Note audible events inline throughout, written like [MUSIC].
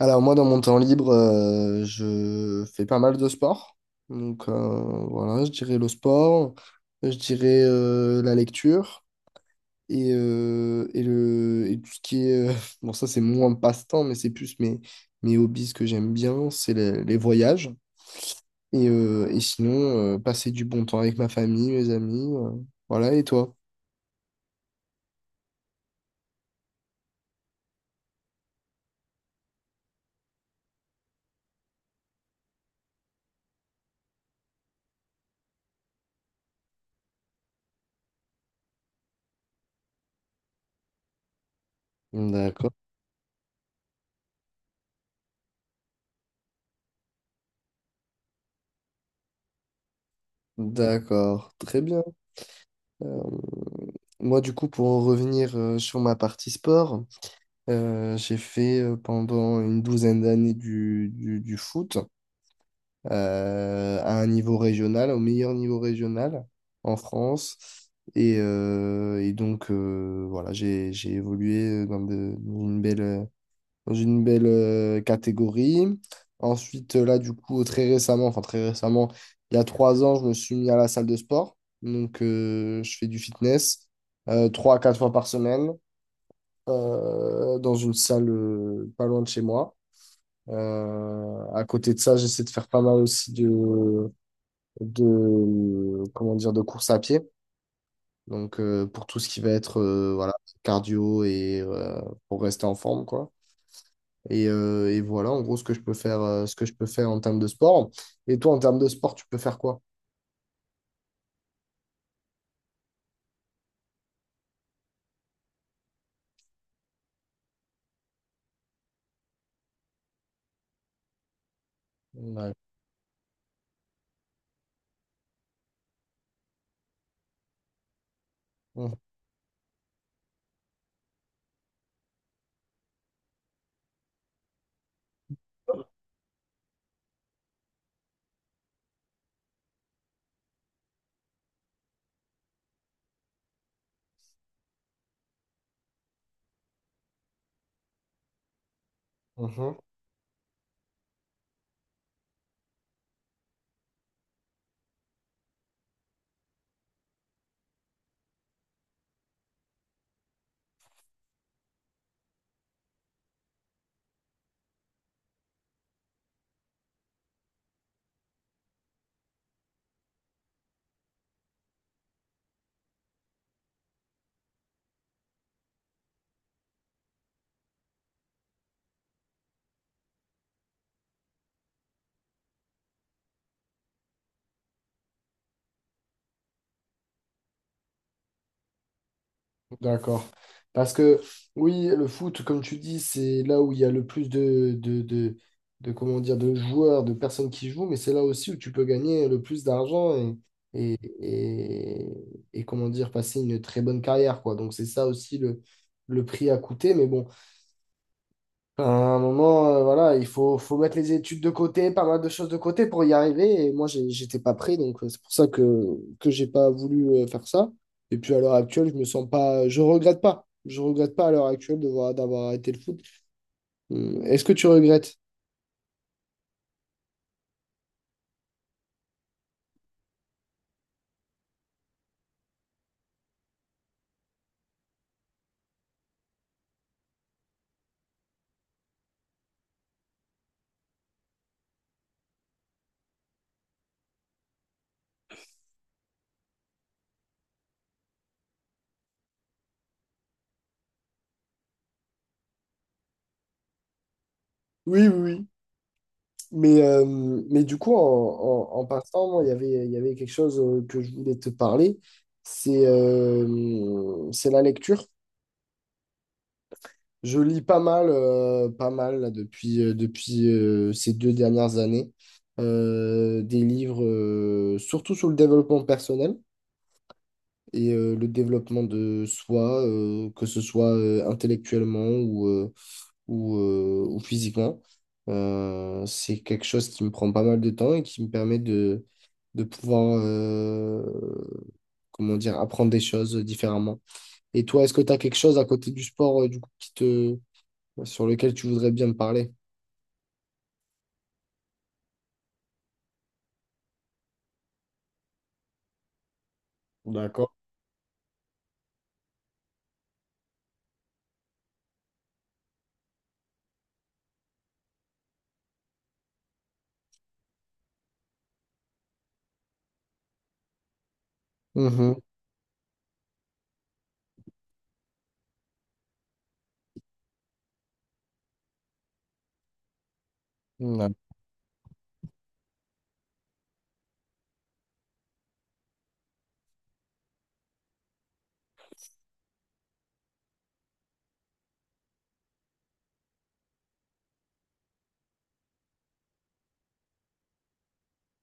Alors moi, dans mon temps libre, je fais pas mal de sport. Donc voilà, je dirais le sport, je dirais la lecture et tout ce qui est [LAUGHS] bon, ça c'est moins passe-temps, mais c'est plus mes hobbies que j'aime bien, c'est les voyages. Et sinon, passer du bon temps avec ma famille, mes amis. Voilà, et toi? D'accord. D'accord, très bien. Euh, Moi, du coup, pour en revenir sur ma partie sport. J'ai fait pendant une douzaine d'années du foot à un niveau régional, au meilleur niveau régional en France. Et donc, voilà, j'ai évolué dans une belle catégorie. Ensuite, là, du coup, très récemment, enfin très récemment, il y a 3 ans, je me suis mis à la salle de sport. Donc, je fais du fitness 3 à 4 fois par semaine dans une salle pas loin de chez moi. À côté de ça, j'essaie de faire pas mal aussi de comment dire, de course à pied. Donc pour tout ce qui va être voilà, cardio et pour rester en forme, quoi. Et voilà, en gros, ce que je peux faire en termes de sport. Et toi, en termes de sport, tu peux faire quoi? Ouais. Mhm. Mhm. D'accord. Parce que oui, le foot, comme tu dis, c'est là où il y a le plus comment dire, de joueurs, de personnes qui jouent, mais c'est là aussi où tu peux gagner le plus d'argent et, et, comment dire, passer une très bonne carrière, quoi. Donc c'est ça aussi le prix à coûter. Mais bon, à un moment, voilà, il faut mettre les études de côté, pas mal de choses de côté pour y arriver. Et moi, j'étais pas prêt, donc c'est pour ça que j'ai pas voulu faire ça. Et puis à l'heure actuelle, je me sens pas, je regrette pas. Je regrette pas à l'heure actuelle d'avoir arrêté le foot. Est-ce que tu regrettes? Oui, oui, oui. Mais, euh, mais du coup, en passant, moi, il y avait quelque chose que je voulais te parler. C'est la lecture. Je lis pas mal là, depuis ces 2 dernières années. Des livres surtout sur le développement personnel et le développement de soi, que ce soit intellectuellement ou physiquement. C'est quelque chose qui me prend pas mal de temps et qui me permet de pouvoir comment dire, apprendre des choses différemment. Et toi, est-ce que tu as quelque chose à côté du sport, du coup, sur lequel tu voudrais bien me parler. D'accord. Mhm. Ouais.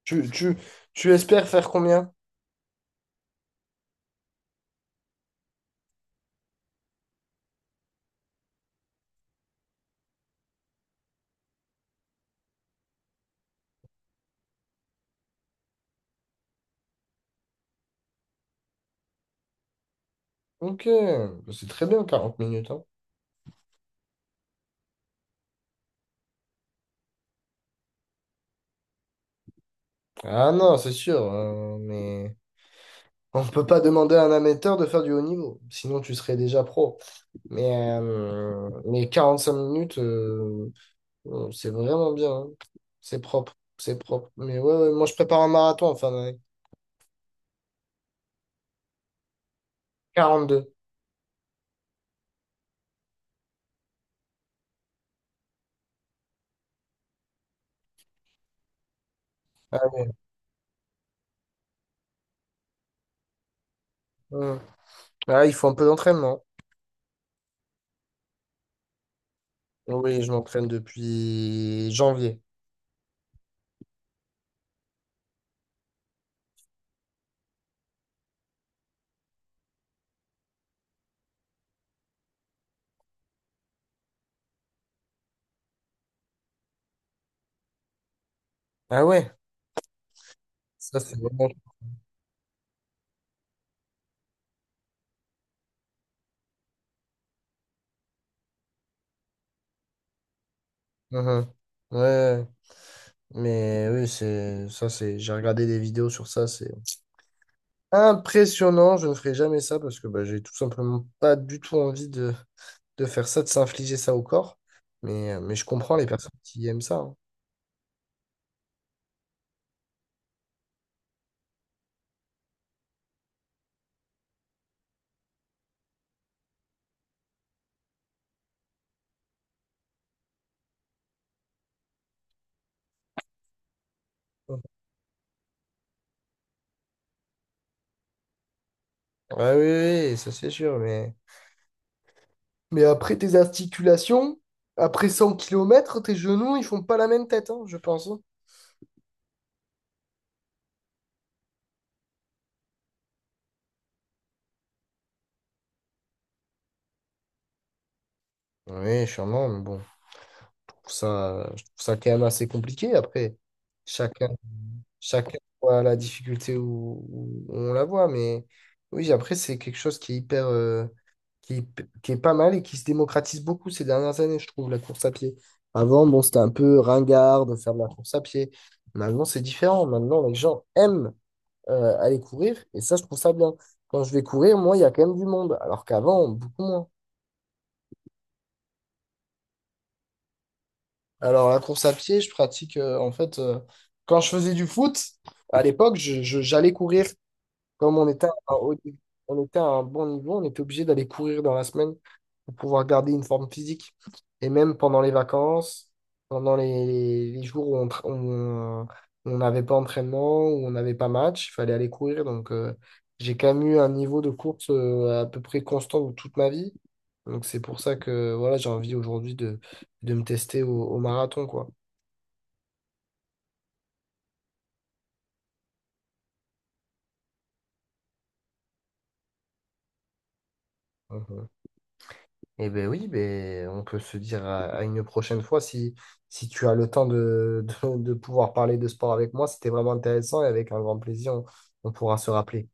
Tu, tu, tu espères faire combien? Ok, c'est très bien, 40 minutes, hein. Ah non, c'est sûr, mais on ne peut pas demander à un amateur de faire du haut niveau, sinon tu serais déjà pro. Mais 5 minutes, c'est vraiment bien, hein. C'est propre, c'est propre. Mais ouais, ouais, moi je prépare un marathon en fin d'année. 42. Ah, ouais. Ah, il faut un peu d'entraînement. Oui, je m'entraîne depuis janvier. Ah ouais? Ça, c'est vraiment. Mhm. Ouais, ouais, mais oui, c'est ça, c'est. J'ai regardé des vidéos sur ça, c'est impressionnant. Je ne ferai jamais ça parce que bah, j'ai tout simplement pas du tout envie de faire ça, de s'infliger ça au corps. Mais je comprends les personnes qui aiment ça, hein. Ouais, oui, oui, oui, ça c'est sûr, mais. Mais après tes articulations, après 100 kilomètres tes genoux, ils font pas la même tête, hein, je pense, hein. Oui, sûrement, mais bon, je trouve ça quand même assez compliqué. Après, chacun, chacun voit la difficulté où on la voit, mais oui, après, c'est quelque chose qui est hyper, qui est pas mal et qui se démocratise beaucoup ces dernières années, je trouve, la course à pied. Avant, bon, c'était un peu ringard de faire de la course à pied. Maintenant, c'est différent. Maintenant, les gens aiment aller courir et ça, je trouve ça bien. Quand je vais courir, moi, il y a quand même du monde, alors qu'avant, beaucoup moins. Alors, la course à pied, je pratique, en fait, quand je faisais du foot à l'époque, j'allais courir. Comme on était à un bon niveau, on était obligé d'aller courir dans la semaine pour pouvoir garder une forme physique. Et même pendant les vacances, pendant les jours où on tra- où on n'avait pas entraînement, où on n'avait pas match, il fallait aller courir. Donc, j'ai quand même eu un niveau de course à peu près constant de toute ma vie. Donc, c'est pour ça que voilà, j'ai envie aujourd'hui de me tester au marathon, quoi. Eh ben oui, ben, on peut se dire à une prochaine fois si tu as le temps de, [LAUGHS] de pouvoir parler de sport avec moi. C'était vraiment intéressant et avec un grand plaisir, on pourra se rappeler.